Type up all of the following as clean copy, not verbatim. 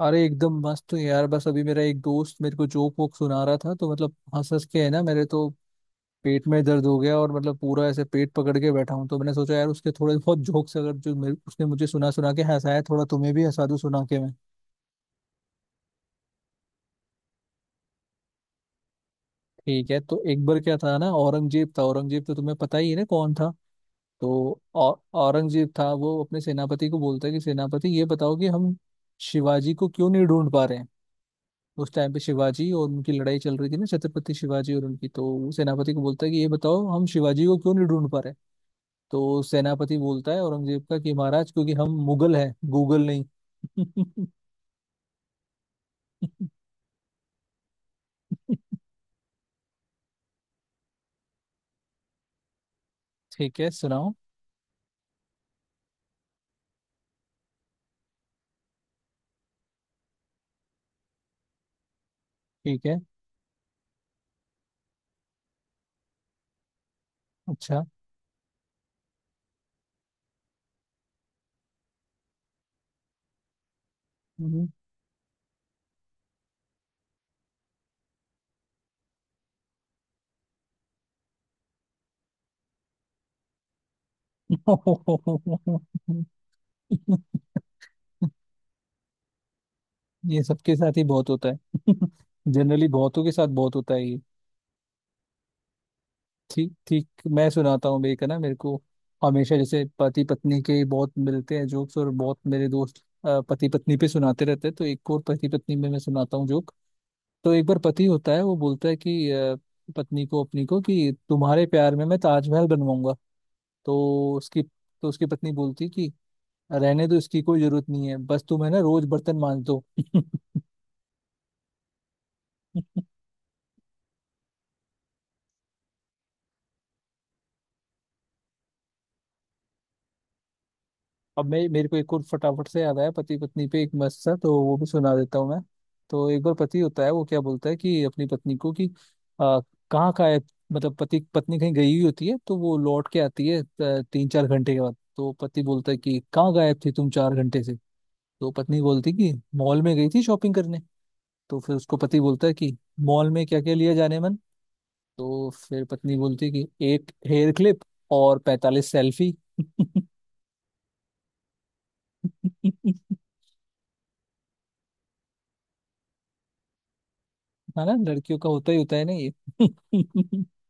अरे एकदम मस्त हूँ यार। बस अभी मेरा एक दोस्त मेरे को जोक वोक सुना रहा था तो मतलब हंस हंस के है ना मेरे तो पेट में दर्द हो गया। और मतलब पूरा ऐसे पेट पकड़ के बैठा हूँ तो मैंने सोचा यार उसके थोड़े बहुत जोक्स अगर जो मेरे उसने मुझे सुना सुना के हंसाया थोड़ा तुम्हें भी हंसा दूँ सुना के मैं। ठीक है तो एक बार क्या था ना। औरंगजेब था। औरंगजेब तो तुम्हें पता ही है ना कौन था। तो औरंगजेब था। वो अपने सेनापति को बोलता है कि सेनापति ये बताओ कि हम शिवाजी को क्यों नहीं ढूंढ पा रहे हैं। उस टाइम पे शिवाजी और उनकी लड़ाई चल रही थी ना। छत्रपति शिवाजी और उनकी। तो वो सेनापति को बोलता है कि ये बताओ हम शिवाजी को क्यों नहीं ढूंढ पा रहे। तो सेनापति बोलता है औरंगजेब का कि महाराज क्योंकि हम मुगल हैं गूगल नहीं। ठीक है सुनाओ। ठीक है। अच्छा। हम्म। ये सबके साथ ही बहुत होता है। जनरली बहुतों के साथ बहुत होता है। ठीक ठीक। मैं सुनाता हूँ एक है ना मेरे को। हमेशा जैसे पति पत्नी के बहुत मिलते हैं जोक्स। और बहुत मेरे दोस्त पति पत्नी पे सुनाते रहते हैं तो एक और पति पत्नी में मैं सुनाता हूँ जोक। तो एक बार पति होता है वो बोलता है कि पत्नी को अपनी को कि तुम्हारे प्यार में मैं ताजमहल बनवाऊंगा। तो उसकी पत्नी बोलती है कि रहने दो इसकी कोई जरूरत नहीं है। बस तुम है ना रोज बर्तन मांज दो। अब मैं मेरे को एक और फटाफट से याद आया पति पत्नी पे एक मस्त सा तो वो भी सुना देता हूँ मैं। तो एक बार पति होता है वो क्या बोलता है कि अपनी पत्नी को कि आ, कहाँ का है। मतलब पति पत्नी कहीं गई हुई होती है तो वो लौट के आती है 3 4 घंटे के बाद। तो पति बोलता है कि कहाँ गायब थी तुम 4 घंटे से। तो पत्नी बोलती कि मॉल में गई थी शॉपिंग करने। तो फिर उसको पति बोलता है कि मॉल में क्या क्या लिया जाने मन। तो फिर पत्नी बोलती है कि एक हेयर क्लिप और 45 सेल्फी। है ना लड़कियों का होता ही होता है ना ये।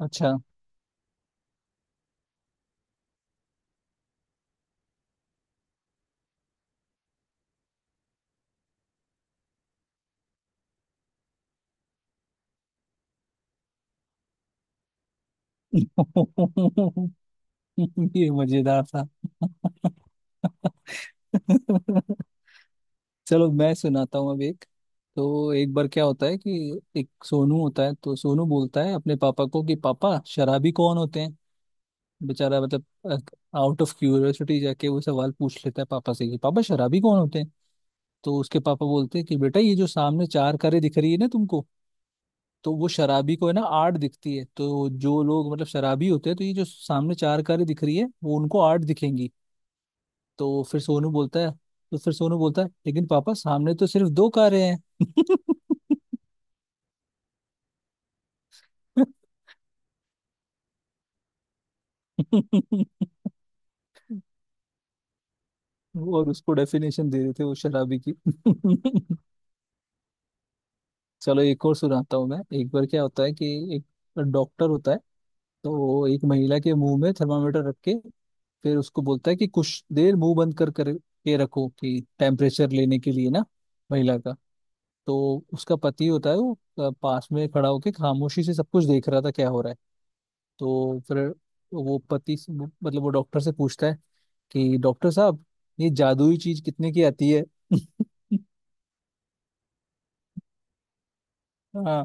अच्छा। ये मजेदार था। चलो मैं सुनाता हूँ अब एक। तो एक बार क्या होता है कि एक सोनू होता है तो सोनू बोलता है अपने पापा को कि पापा शराबी कौन होते हैं। बेचारा मतलब आउट ऑफ क्यूरियोसिटी जाके वो सवाल पूछ लेता है पापा से कि पापा शराबी कौन होते हैं। तो उसके पापा बोलते हैं कि बेटा ये जो सामने चार कारें दिख रही है ना तुमको तो वो शराबी को है ना आड़ दिखती है। तो जो लोग मतलब शराबी होते हैं तो ये जो सामने चार कारें दिख रही है वो उनको आड़ दिखेंगी। तो फिर सोनू बोलता है तो फिर सोनू बोलता है लेकिन पापा सामने तो सिर्फ दो कारें हैं। और उसको डेफिनेशन दे रहे थे वो शराबी की। चलो एक और सुनाता हूँ मैं। एक बार क्या होता है कि एक डॉक्टर होता है तो वो एक महिला के मुंह में थर्मामीटर रख के फिर उसको बोलता है कि कुछ देर मुंह बंद कर कर के रखो कि टेम्परेचर लेने के लिए ना। महिला का। तो उसका पति होता है वो पास में खड़ा होके खामोशी से सब कुछ देख रहा था क्या हो रहा है। तो फिर वो पति से- वो- मतलब वो डॉक्टर से पूछता है कि डॉक्टर साहब ये जादुई चीज कितने की आती है। हाँ।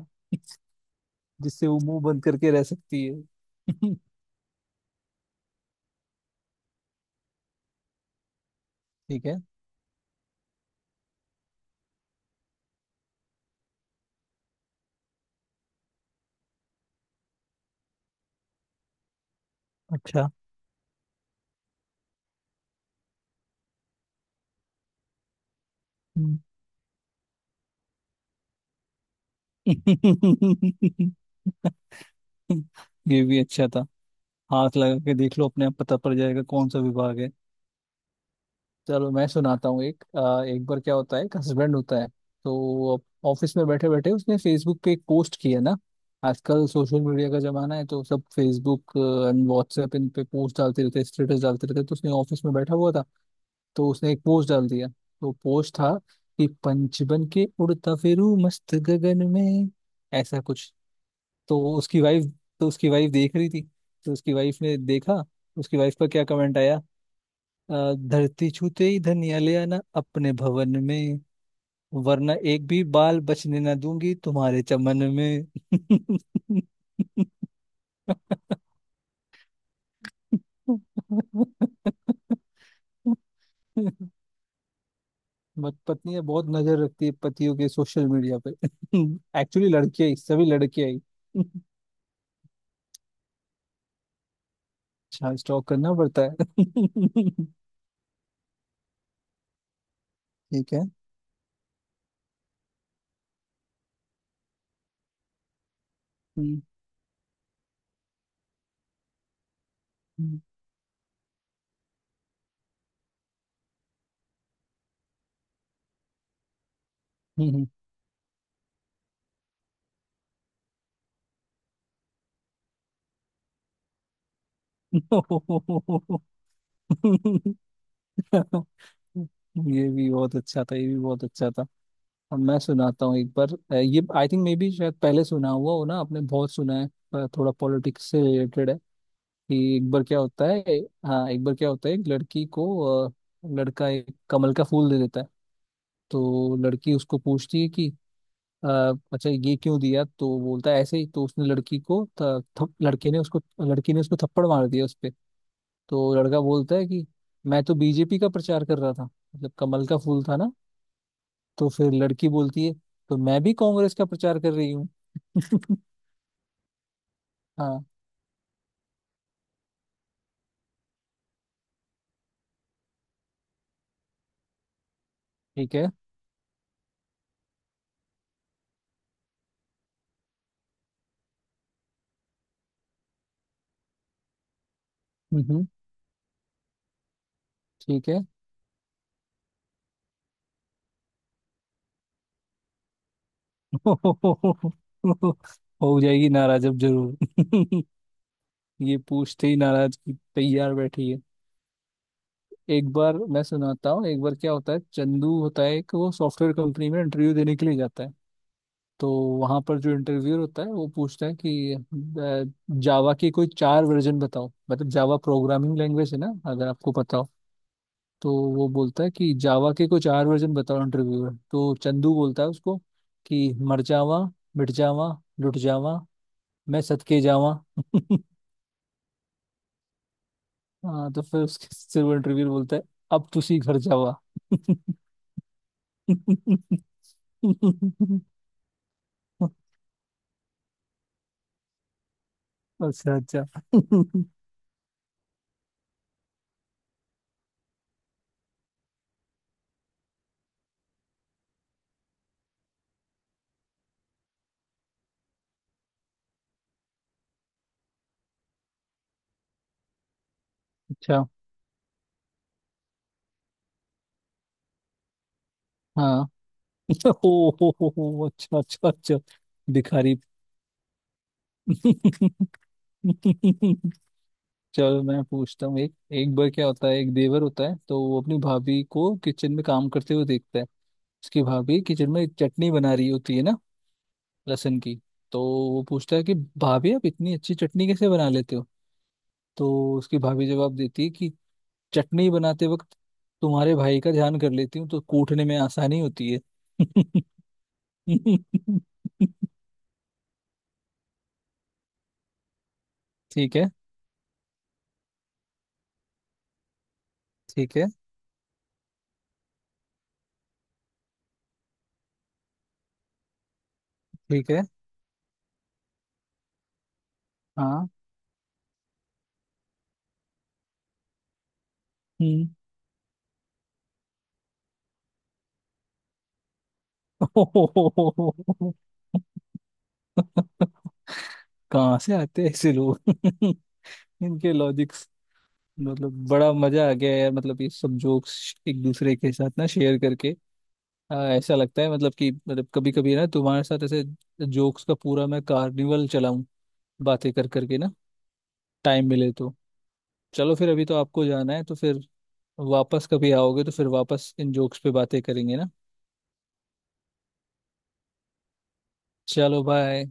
जिससे वो मुंह बंद करके रह सकती है। ठीक है। अच्छा। हम्म। ये भी अच्छा था। हाथ लगा के देख लो अपने आप पता पड़ जाएगा कौन सा विभाग है। चलो मैं सुनाता हूँ एक एक बार क्या होता है एक हस्बैंड होता है। तो ऑफिस में बैठे बैठे उसने फेसबुक पे एक पोस्ट किया ना। आजकल सोशल मीडिया का जमाना है तो सब फेसबुक एंड व्हाट्सएप इन पे पोस्ट डालते रहते स्टेटस डालते रहते। तो उसने ऑफिस में बैठा हुआ था तो उसने एक पोस्ट डाल दिया। तो पोस्ट था कि पंच बन के उड़ता फिरू मस्त गगन में ऐसा कुछ। तो वो उसकी वाइफ तो उसकी वाइफ देख रही थी। तो उसकी वाइफ ने देखा। उसकी वाइफ का क्या कमेंट आया। धरती छूते ही धनिया ले आना अपने भवन में। वरना एक भी बाल बचने ना दूंगी तुम्हारे चमन में। बट पत्नी बहुत नजर रखती है पतियों के सोशल मीडिया पे। एक्चुअली लड़कियां ही सभी लड़कियां ही। अच्छा स्टॉक करना पड़ता है। ठीक है। हम्म, हम्म, हम्म। ये भी बहुत अच्छा था। ये भी बहुत अच्छा था। अब मैं सुनाता हूँ एक बार ये आई थिंक मे बी शायद पहले सुना हुआ हो ना आपने। बहुत सुना है पर थोड़ा पॉलिटिक्स से रिलेटेड है कि एक बार क्या होता है। हाँ एक बार क्या होता है एक लड़की को अ, लड़का एक कमल का फूल दे देता है। तो लड़की उसको पूछती है कि "अ, अच्छा ये क्यों दिया। तो बोलता है ऐसे ही। तो उसने लड़की को थ, थप, लड़के ने उसको लड़की ने उसको थप्पड़ मार दिया उस पे। तो लड़का बोलता है कि मैं तो बीजेपी का प्रचार कर रहा था मतलब कमल का फूल था ना। तो फिर लड़की बोलती है तो मैं भी कांग्रेस का प्रचार कर रही हूँ। हाँ। ठीक है। हम्म। ठीक है। हो जाएगी नाराज अब जरूर। ये पूछते ही नाराज की तैयार बैठी है। एक बार मैं सुनाता हूँ। एक बार क्या होता है चंदू होता है कि वो सॉफ्टवेयर कंपनी में इंटरव्यू देने के लिए जाता है। तो वहां पर जो इंटरव्यूअर होता है वो पूछता है कि जावा के कोई चार वर्जन बताओ। मतलब जावा प्रोग्रामिंग लैंग्वेज है ना अगर आपको पता हो। तो वो बोलता है कि जावा के कोई चार वर्जन बताओ इंटरव्यूअर। तो चंदू बोलता है उसको कि मर जावा, मिट जावा, लुट जावा, मैं सदके जावा। हाँ तो फिर उसके सिर वो इंटरव्यू बोलता है अब तुसी घर जावा। अच्छा अच्छा। अच्छा। हाँ। हो हो, अच्छा अच्छा अच्छा। भिखारी। चलो मैं पूछता हूँ एक। एक बार क्या होता है एक देवर होता है तो वो अपनी भाभी को किचन में काम करते हुए देखता है। उसकी भाभी किचन में चटनी बना रही होती है ना लहसुन की। तो वो पूछता है कि भाभी आप इतनी अच्छी चटनी कैसे बना लेते हो। तो उसकी भाभी जवाब देती है कि चटनी बनाते वक्त तुम्हारे भाई का ध्यान कर लेती हूँ तो कूटने में आसानी होती है। ठीक है। ठीक है। ठीक है। हाँ। हम्म। कहाँ से आते हैं ऐसे लोग। इनके लॉजिक्स। मतलब बड़ा मजा आ गया यार मतलब ये सब जोक्स एक दूसरे के साथ ना शेयर करके। हाँ ऐसा लगता है मतलब कि मतलब कभी कभी ना तुम्हारे साथ ऐसे जोक्स का पूरा मैं कार्निवल चलाऊं बातें कर करके ना। टाइम मिले तो। चलो फिर अभी तो आपको जाना है तो फिर वापस कभी आओगे तो फिर वापस इन जोक्स पे बातें करेंगे ना। चलो बाय।